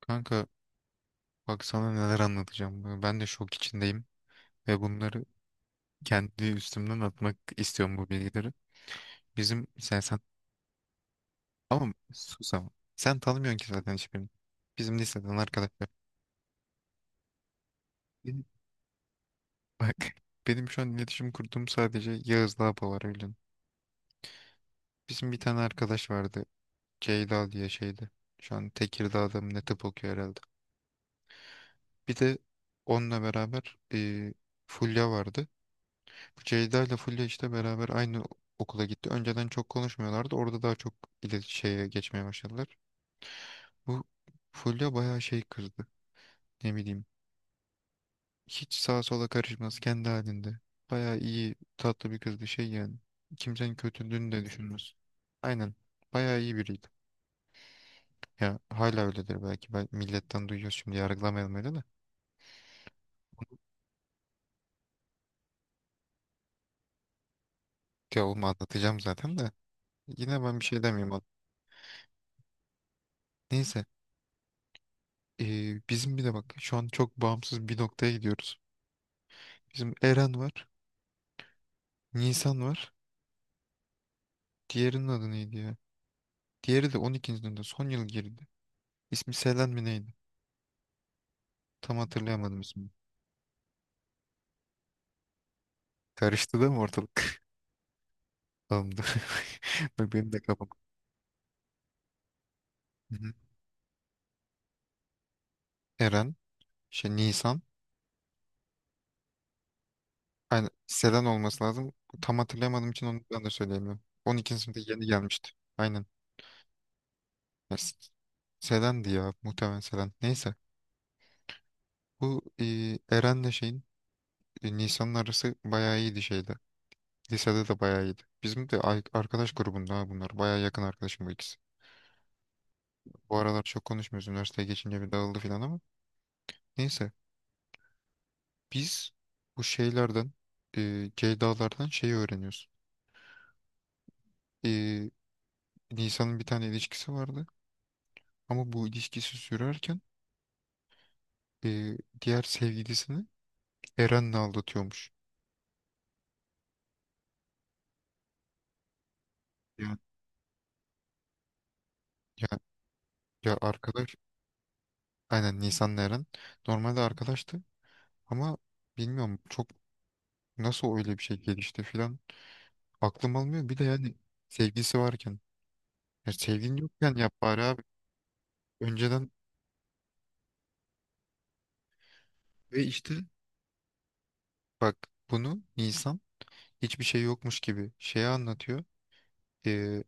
Kanka, bak sana neler anlatacağım. Ben de şok içindeyim ve bunları kendi üstümden atmak istiyorum bu bilgileri. Bizim sen ama sus ama. Sen tanımıyorsun ki zaten hiçbirini. Bizim liseden arkadaşlar. Benim- Bak, benim şu an iletişim kurduğum sadece Yağız'la Apo var, biliyorsun. Bizim bir tane arkadaş vardı. Ceyda diye şeydi. Şu an Tekirdağ'da mı ne tıp okuyor herhalde. Bir de onunla beraber Fulya vardı. Ceyda ile Fulya işte beraber aynı okula gitti. Önceden çok konuşmuyorlardı. Orada daha çok şeye geçmeye başladılar. Bu Fulya bayağı şey kızdı. Ne bileyim. Hiç sağa sola karışmaz, kendi halinde. Bayağı iyi, tatlı bir kızdı şey yani. Kimsenin kötülüğünü de düşünmez. Aynen. Bayağı iyi biriydi. Ya hala öyledir belki. Ben milletten duyuyoruz, şimdi yargılamayalım öyle de. Ya oğlum, anlatacağım zaten de. Yine ben bir şey demeyeyim ona. Neyse. Bizim bir de bak şu an çok bağımsız bir noktaya gidiyoruz. Bizim Eren var. Nisan var. Diğerinin adı neydi ya? Diğeri de 12.'sinde son yıl girdi. İsmi Selen mi neydi? Tam hatırlayamadım ismini. Karıştı değil mi ortalık? Tamamdı. Bak benim de kafam. Hı hı. Eren, şey Nisan. Aynen, Selen olması lazım. Tam hatırlayamadığım için onu ben de söyleyemiyorum. 12. sınıfta yeni gelmişti. Aynen. Ya, Selen'di ya, muhtemelen Selen. Neyse. Bu Eren'le şeyin Nisan'ın arası bayağı iyiydi şeyde. Lisede de bayağı iyiydi. Bizim de arkadaş grubunda ha bunlar. Bayağı yakın arkadaşım bu ikisi. Bu aralar çok konuşmuyoruz. Üniversiteye geçince bir dağıldı falan ama. Neyse. Biz bu şeylerden, Ceyda'lardan şeyi öğreniyoruz. E, Nisan'ın bir tane ilişkisi vardı. Ama bu ilişkisi sürerken e, diğer sevgilisini Eren'le aldatıyormuş. Ya, ya, ya arkadaş. Aynen, Nisan'la Eren. Normalde arkadaştı. Ama bilmiyorum, çok nasıl öyle bir şey gelişti filan. Aklım almıyor. Bir de yani sevgisi varken. Ya sevgin yokken yap bari abi. Önceden ve işte bak, bunu Nisan hiçbir şey yokmuş gibi şeye anlatıyor. Ee,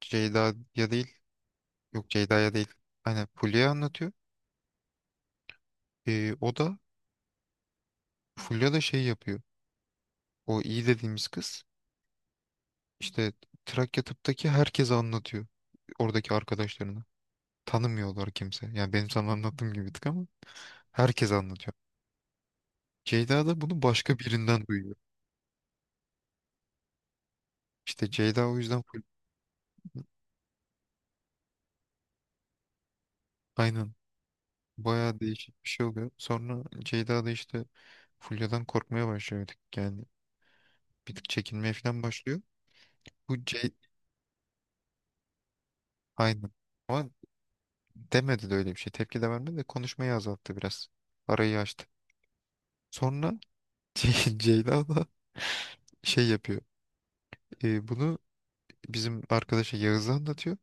Ceyda'ya değil. Yok, Ceyda'ya değil. Aynen, Fulya'ya anlatıyor. O da Fulya da şey yapıyor. O iyi dediğimiz kız işte Trakya tıptaki herkese anlatıyor. Oradaki arkadaşlarına. Tanımıyorlar kimse. Yani benim sana anlattığım gibi bir tık ama herkes anlatıyor. Ceyda da bunu başka birinden duyuyor. İşte Ceyda o yüzden full aynen bayağı değişik bir şey oluyor. Sonra Ceyda da işte Fulya'dan korkmaya başlıyor bir tık yani. Bir tık çekinmeye falan başlıyor. Bu C aynen. Ama demedi de öyle bir şey. Tepki de vermedi de konuşmayı azalttı biraz. Arayı açtı. Sonra Ceyda da şey yapıyor. Bunu bizim arkadaşa Yağız'a anlatıyor.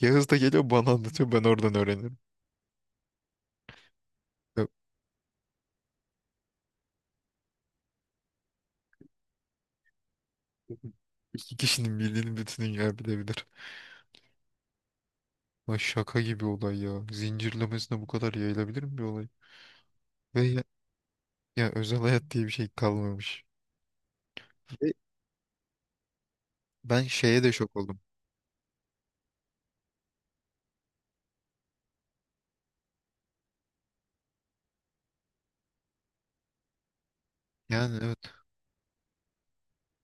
Yağız da geliyor bana anlatıyor. Ben oradan öğrenirim. Ya, İki kişinin bildiğini bütün dünya bilebilir. Ay, şaka gibi olay ya. Zincirlemesine bu kadar yayılabilir mi bir olay? Ve ya özel hayat diye bir şey kalmamış. Ve ben şeye de şok oldum. Yani evet.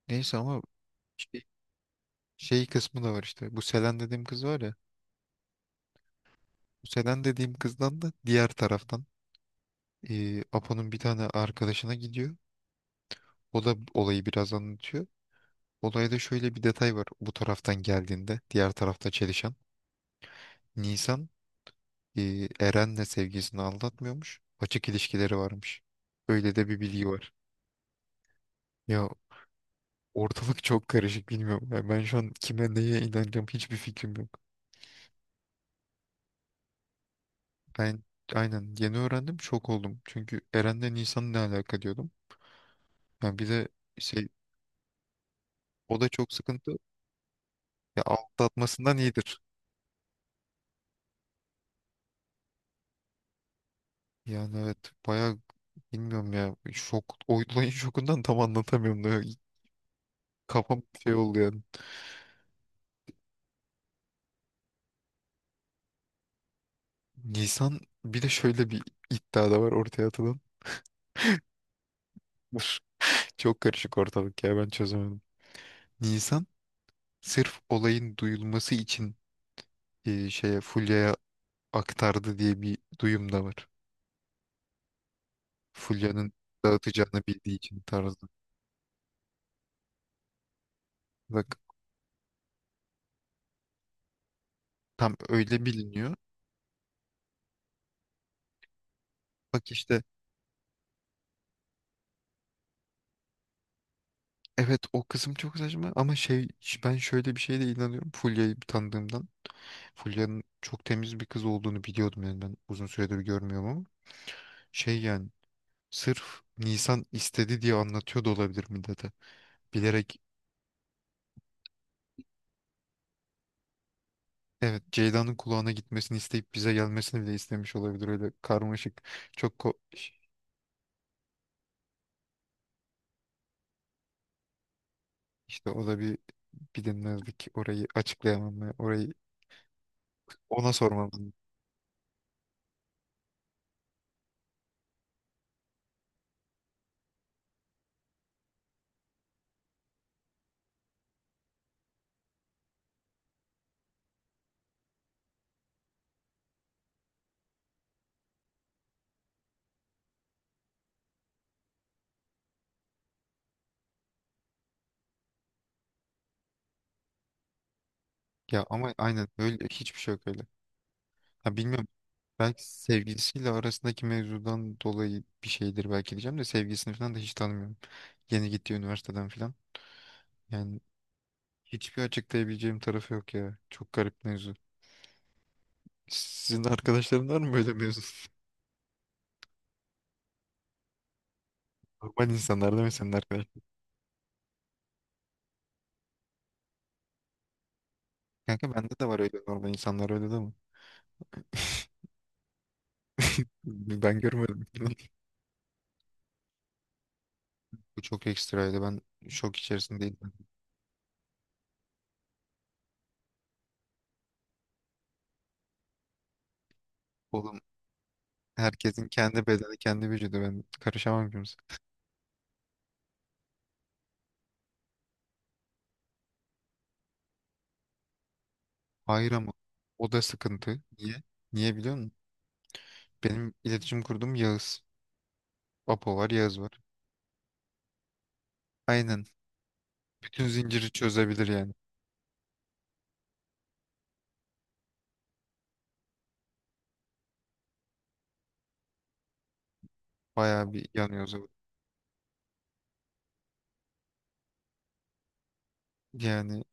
Neyse ama şey, şey kısmı da var işte. Bu Selen dediğim kız var ya. Bu Selen dediğim kızdan da diğer taraftan Apo'nun bir tane arkadaşına gidiyor. O da olayı biraz anlatıyor. Olayda şöyle bir detay var. Bu taraftan geldiğinde diğer tarafta çelişen. Nisan Eren'le sevgilisini aldatmıyormuş. Açık ilişkileri varmış. Öyle de bir bilgi var. Ya, ortalık çok karışık, bilmiyorum. Yani ben şu an kime neye inanacağım hiçbir fikrim yok. Ben aynen yeni öğrendim, şok oldum. Çünkü Eren'le Nisan ne alaka diyordum. Yani bir de şey, o da çok sıkıntı. Ya atmasından iyidir. Yani evet bayağı, bilmiyorum ya, şok olayın şokundan tam anlatamıyorum da kafam şey oldu yani. Nisan, bir de şöyle bir iddia da var ortaya atılan. Çok karışık ortalık ya, ben çözemedim. Nisan sırf olayın duyulması için şeye Fulya'ya aktardı diye bir duyum da var. Fulya'nın dağıtacağını bildiği için tarzı. Bak, tam öyle biliniyor. Bak işte evet, o kısım çok saçma ama şey, ben şöyle bir şeye de inanıyorum Fulya'yı tanıdığımdan. Fulya'nın çok temiz bir kız olduğunu biliyordum yani, ben uzun süredir görmüyorum ama şey yani, sırf Nisan istedi diye anlatıyor da olabilir millete. Bilerek evet, Ceyda'nın kulağına gitmesini isteyip bize gelmesini bile istemiş olabilir, öyle karmaşık. çok ko- işte o da bir bilinmezlik, orayı açıklayamam ben. Orayı ona sormam lazım. Ya ama aynen öyle, hiçbir şey yok öyle. Ha, bilmiyorum, belki sevgilisiyle arasındaki mevzudan dolayı bir şeydir belki diyeceğim de, sevgilisini falan da hiç tanımıyorum. Yeni gittiği üniversiteden falan. Yani hiçbir açıklayabileceğim tarafı yok ya. Çok garip mevzu. Sizin arkadaşların var mı böyle mevzu? Normal insanlar değil mi senin arkadaş? Kanka bende de var öyle, normal insanlar, öyle değil mi? Ben görmedim. Bu çok ekstraydı. Ben şok içerisindeydim. Herkesin kendi bedeni, kendi vücudu. Ben karışamam kimse. Hayır ama o da sıkıntı. Niye? Niye biliyor musun? Benim iletişim kurduğum Yağız. Apo var, Yağız var. Aynen. Bütün zinciri çözebilir yani. Bayağı bir yanıyoruz orada. Yani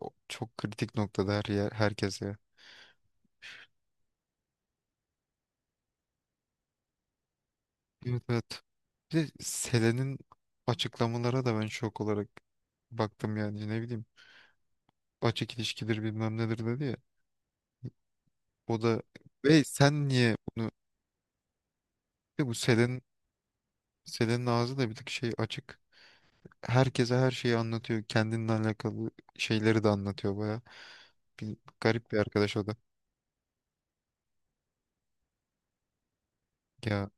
o çok kritik noktada her yer, herkes ya. Evet evet. Bir de Selen'in açıklamalara da ben şok olarak baktım yani, ne bileyim. Açık ilişkidir bilmem nedir dedi ya. O da ve sen niye bunu bir de bu Selen'in ağzı da bir tık şey açık. Herkese her şeyi anlatıyor. Kendinle alakalı şeyleri de anlatıyor baya. Bir, garip bir arkadaş o da. Ya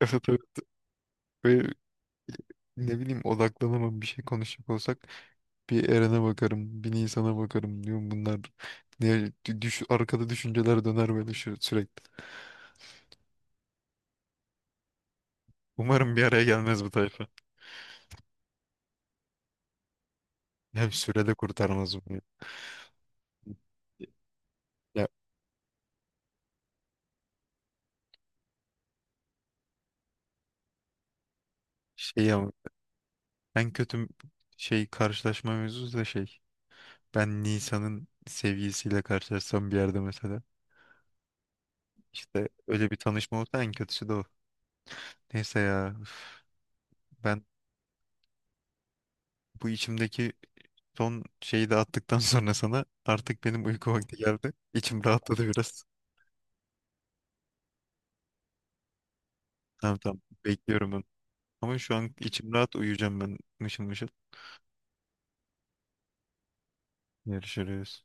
evet evet. Böyle ne bileyim, odaklanamam, bir şey konuşacak olsak bir Eren'e bakarım, bir Nisan'a bakarım diyorum bunlar. Ne, arkada düşünceler döner böyle şu, sürekli. Umarım bir araya gelmez bu tayfa. Hem sürede kurtarmaz bunu. Ya şey ama en kötü şey karşılaşma mevzusu da şey. Ben Nisan'ın sevgilisiyle karşılaşsam bir yerde mesela. İşte öyle bir tanışma olsa en kötüsü de o. Neyse ya, üf, ben bu içimdeki son şeyi de attıktan sonra sana artık benim uyku vakti geldi. İçim rahatladı biraz. Tamam tamam, bekliyorum ben. Ama şu an içim rahat, uyuyacağım ben mışıl mışıl. Görüşürüz.